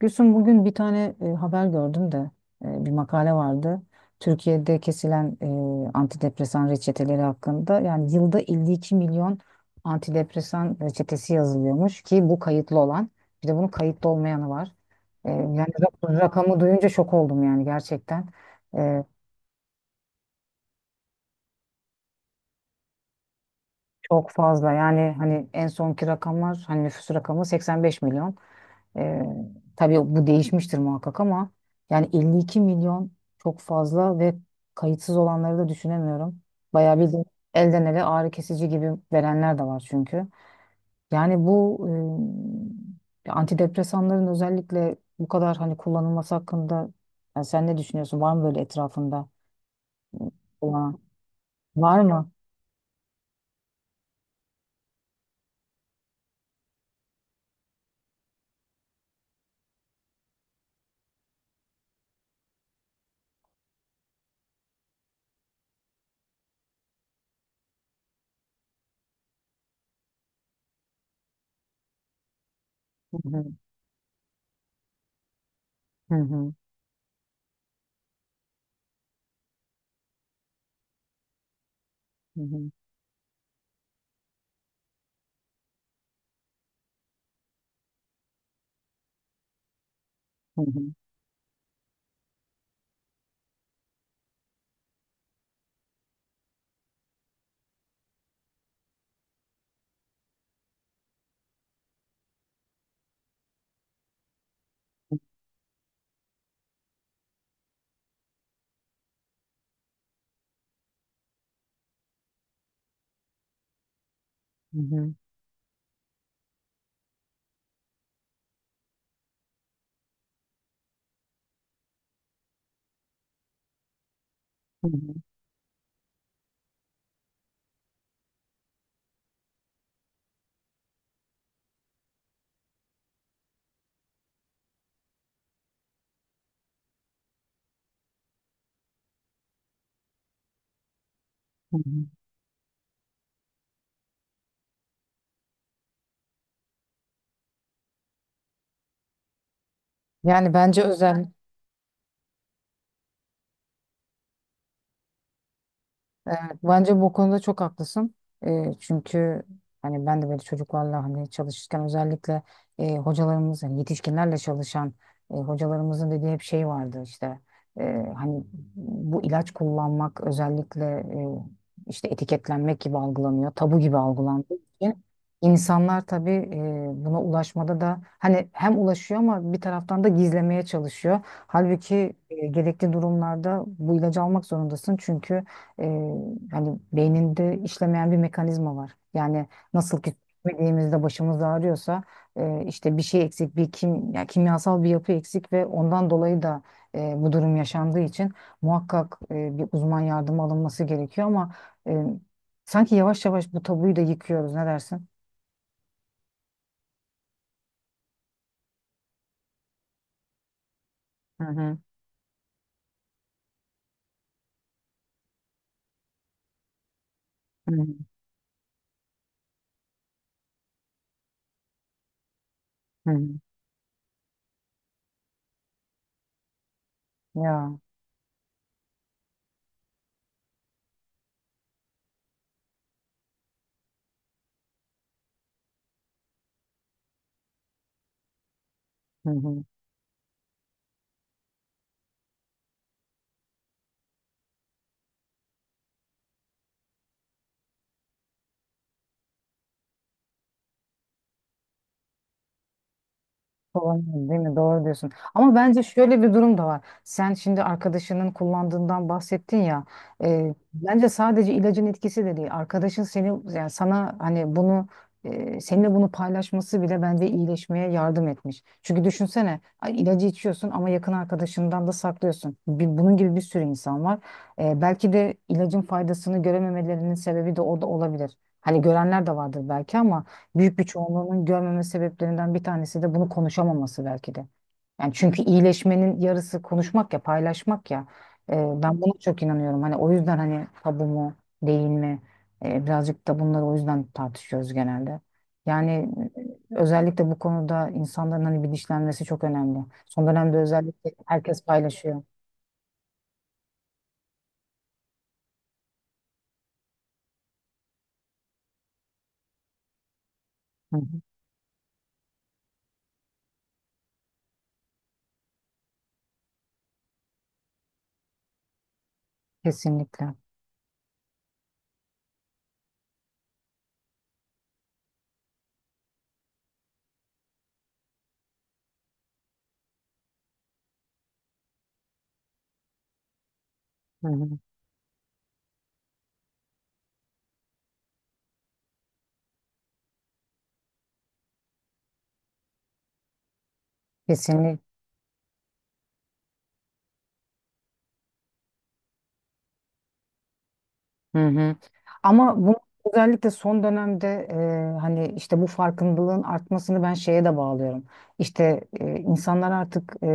Gülsüm, bugün bir tane haber gördüm de bir makale vardı. Türkiye'de kesilen antidepresan reçeteleri hakkında, yani yılda 52 milyon antidepresan reçetesi yazılıyormuş ki bu kayıtlı olan; bir de bunun kayıtlı olmayanı var. Yani rakamı duyunca şok oldum yani, gerçekten. E, Çok fazla yani, hani en sonki rakamlar, hani nüfus rakamı 85 milyon. Ee, tabii bu değişmiştir muhakkak ama yani 52 milyon çok fazla ve kayıtsız olanları da düşünemiyorum. Bayağı bildiğin elden ele ağrı kesici gibi verenler de var çünkü. Yani bu antidepresanların özellikle bu kadar hani kullanılması hakkında yani sen ne düşünüyorsun? Var mı böyle etrafında olan? Var mı? Hı hı. Hı hı. Hı hı. Hı hı. Hı hı. Hı hı. Yani bence özel. Evet, bence bu konuda çok haklısın. Çünkü hani ben de böyle çocuklarla hani çalışırken özellikle hocalarımız hani yetişkinlerle çalışan hocalarımızın dediği hep şey vardı işte. Hani bu ilaç kullanmak özellikle eee, işte etiketlenmek gibi algılanıyor, tabu gibi algılandığı için insanlar tabii buna ulaşmada da hani hem ulaşıyor ama bir taraftan da gizlemeye çalışıyor. Halbuki gerekli durumlarda bu ilacı almak zorundasın çünkü e, hani beyninde işlemeyen bir mekanizma var. Yani nasıl ki yediğimizde başımız ağrıyorsa işte bir şey eksik, ya kimyasal bir yapı eksik ve ondan dolayı da bu durum yaşandığı için muhakkak bir uzman yardımı alınması gerekiyor ama e, sanki yavaş yavaş bu tabuyu da yıkıyoruz. Ne dersin? Hı hı. Hı hı. Hı hı. Ya. Hı hı. Kullanıyoruz, değil mi? Doğru diyorsun. Ama bence şöyle bir durum da var. Sen şimdi arkadaşının kullandığından bahsettin ya. Bence sadece ilacın etkisi de değil. Arkadaşın seni, yani sana hani bunu, seninle bunu paylaşması bile bence iyileşmeye yardım etmiş. Çünkü düşünsene, ay, ilacı içiyorsun ama yakın arkadaşından da saklıyorsun. Bunun gibi bir sürü insan var. Belki de ilacın faydasını görememelerinin sebebi de o da olabilir. Hani görenler de vardır belki ama büyük bir çoğunluğunun görmeme sebeplerinden bir tanesi de bunu konuşamaması belki de. Yani çünkü iyileşmenin yarısı konuşmak ya, paylaşmak ya. Ee, Ben buna çok inanıyorum. Hani o yüzden hani tabu mu, değil mi? Birazcık da bunları o yüzden tartışıyoruz genelde. Yani özellikle bu konuda insanların hani bilinçlenmesi çok önemli. Son dönemde özellikle herkes paylaşıyor. Hı hı. Kesinlikle. Hı hı. Kesinlikle. Hı hı. Ama bunu özellikle son dönemde, hani işte bu farkındalığın artmasını ben şeye de bağlıyorum. İşte insanlar artık,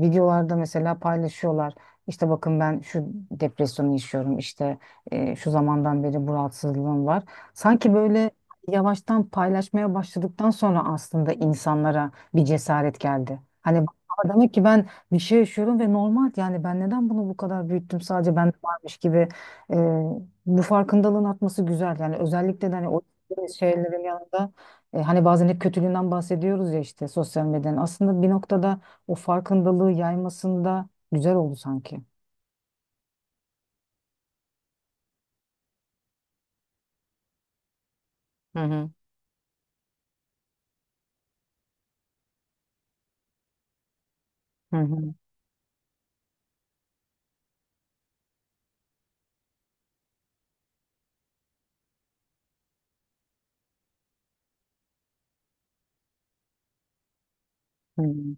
videolarda mesela paylaşıyorlar. İşte bakın, ben şu depresyonu yaşıyorum. İşte şu zamandan beri bu rahatsızlığım var. Sanki böyle yavaştan paylaşmaya başladıktan sonra aslında insanlara bir cesaret geldi. Hani, "Aa, demek ki ben bir şey yaşıyorum ve normal, yani ben neden bunu bu kadar büyüttüm, sadece bende varmış gibi." Bu farkındalığın atması güzel. Yani özellikle de hani o dediğimiz şeylerin yanında, hani bazen hep kötülüğünden bahsediyoruz ya işte, sosyal medyanın. Aslında bir noktada o farkındalığı yaymasında güzel oldu sanki. Hı hı. Hı hı. Hı hı.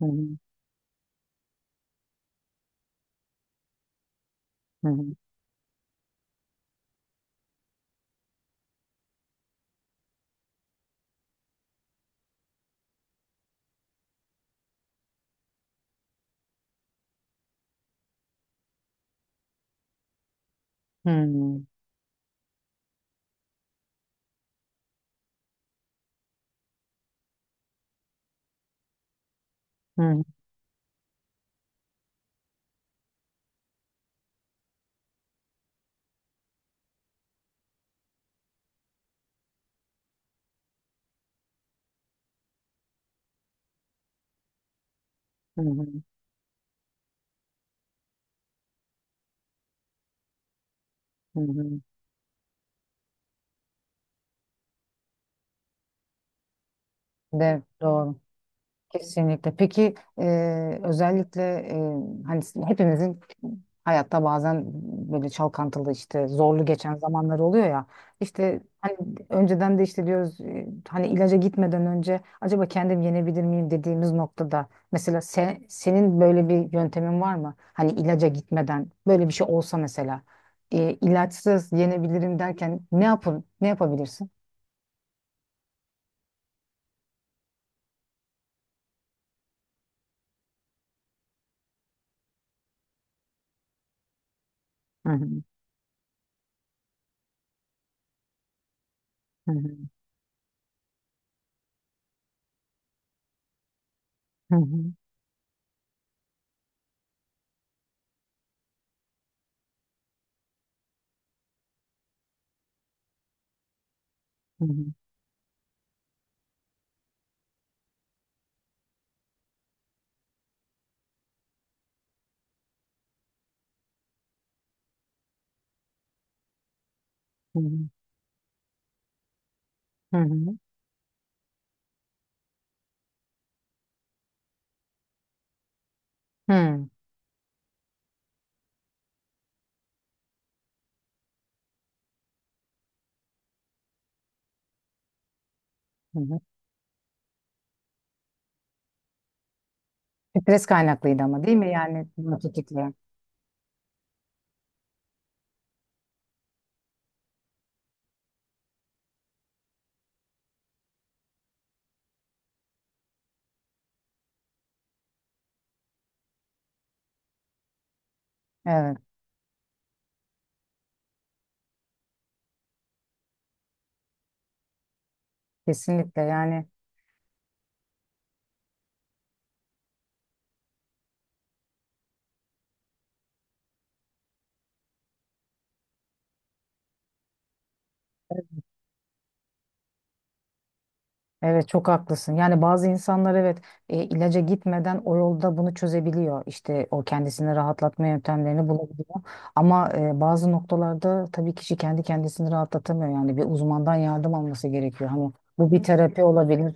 Hı hı. Hı hı. Hı hı. Hı hı. Hı hı. De doğru. Kesinlikle. Peki özellikle, hani hepimizin hayatta bazen böyle çalkantılı, işte zorlu geçen zamanlar oluyor ya. İşte hani, önceden de işte diyoruz, hani ilaca gitmeden önce acaba kendim yenebilir miyim dediğimiz noktada, mesela senin böyle bir yöntemin var mı? Hani, ilaca gitmeden böyle bir şey olsa mesela, ilaçsız yenebilirim derken ne yapabilirsin? Hı hı. Hı hı. Hı hı. Hı hı. Hı hı. Hı hı. Hı. Hı hı. Stres kaynaklıydı ama, değil mi? Yani bunu tetikleyen. Evet, kesinlikle. Yani. Evet, çok haklısın. Yani bazı insanlar, evet, ilaca gitmeden o yolda bunu çözebiliyor. İşte o kendisini rahatlatma yöntemlerini bulabiliyor. Ama bazı noktalarda tabii kişi kendi kendisini rahatlatamıyor. Yani bir uzmandan yardım alması gerekiyor. Hani bu bir terapi olabilir.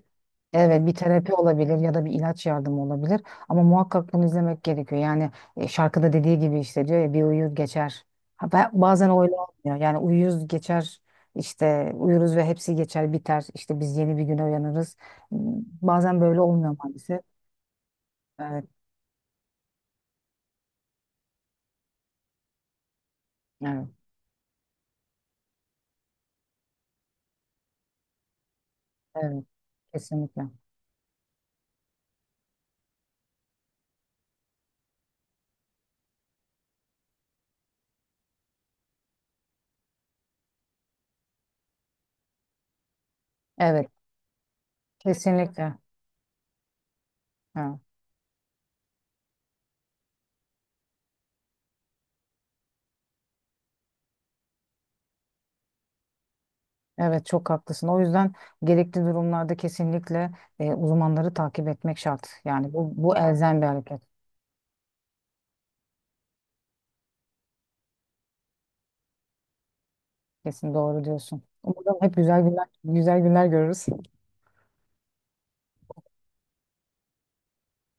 Evet, bir terapi olabilir ya da bir ilaç yardımı olabilir. Ama muhakkak bunu izlemek gerekiyor. Yani şarkıda dediği gibi işte, diyor ya, bir uyur geçer. Ha, bazen öyle olmuyor. Yani uyuz geçer işte, uyuruz ve hepsi geçer biter. İşte biz yeni bir güne uyanırız. Bazen böyle olmuyor maalesef. Evet, evet, evet. Kesinlikle. Evet, kesinlikle. Ha. Evet, çok haklısın. O yüzden gerekli durumlarda kesinlikle uzmanları takip etmek şart. Yani bu elzem bir hareket. Kesin doğru diyorsun. Umarım hep güzel günler, güzel günler görürüz.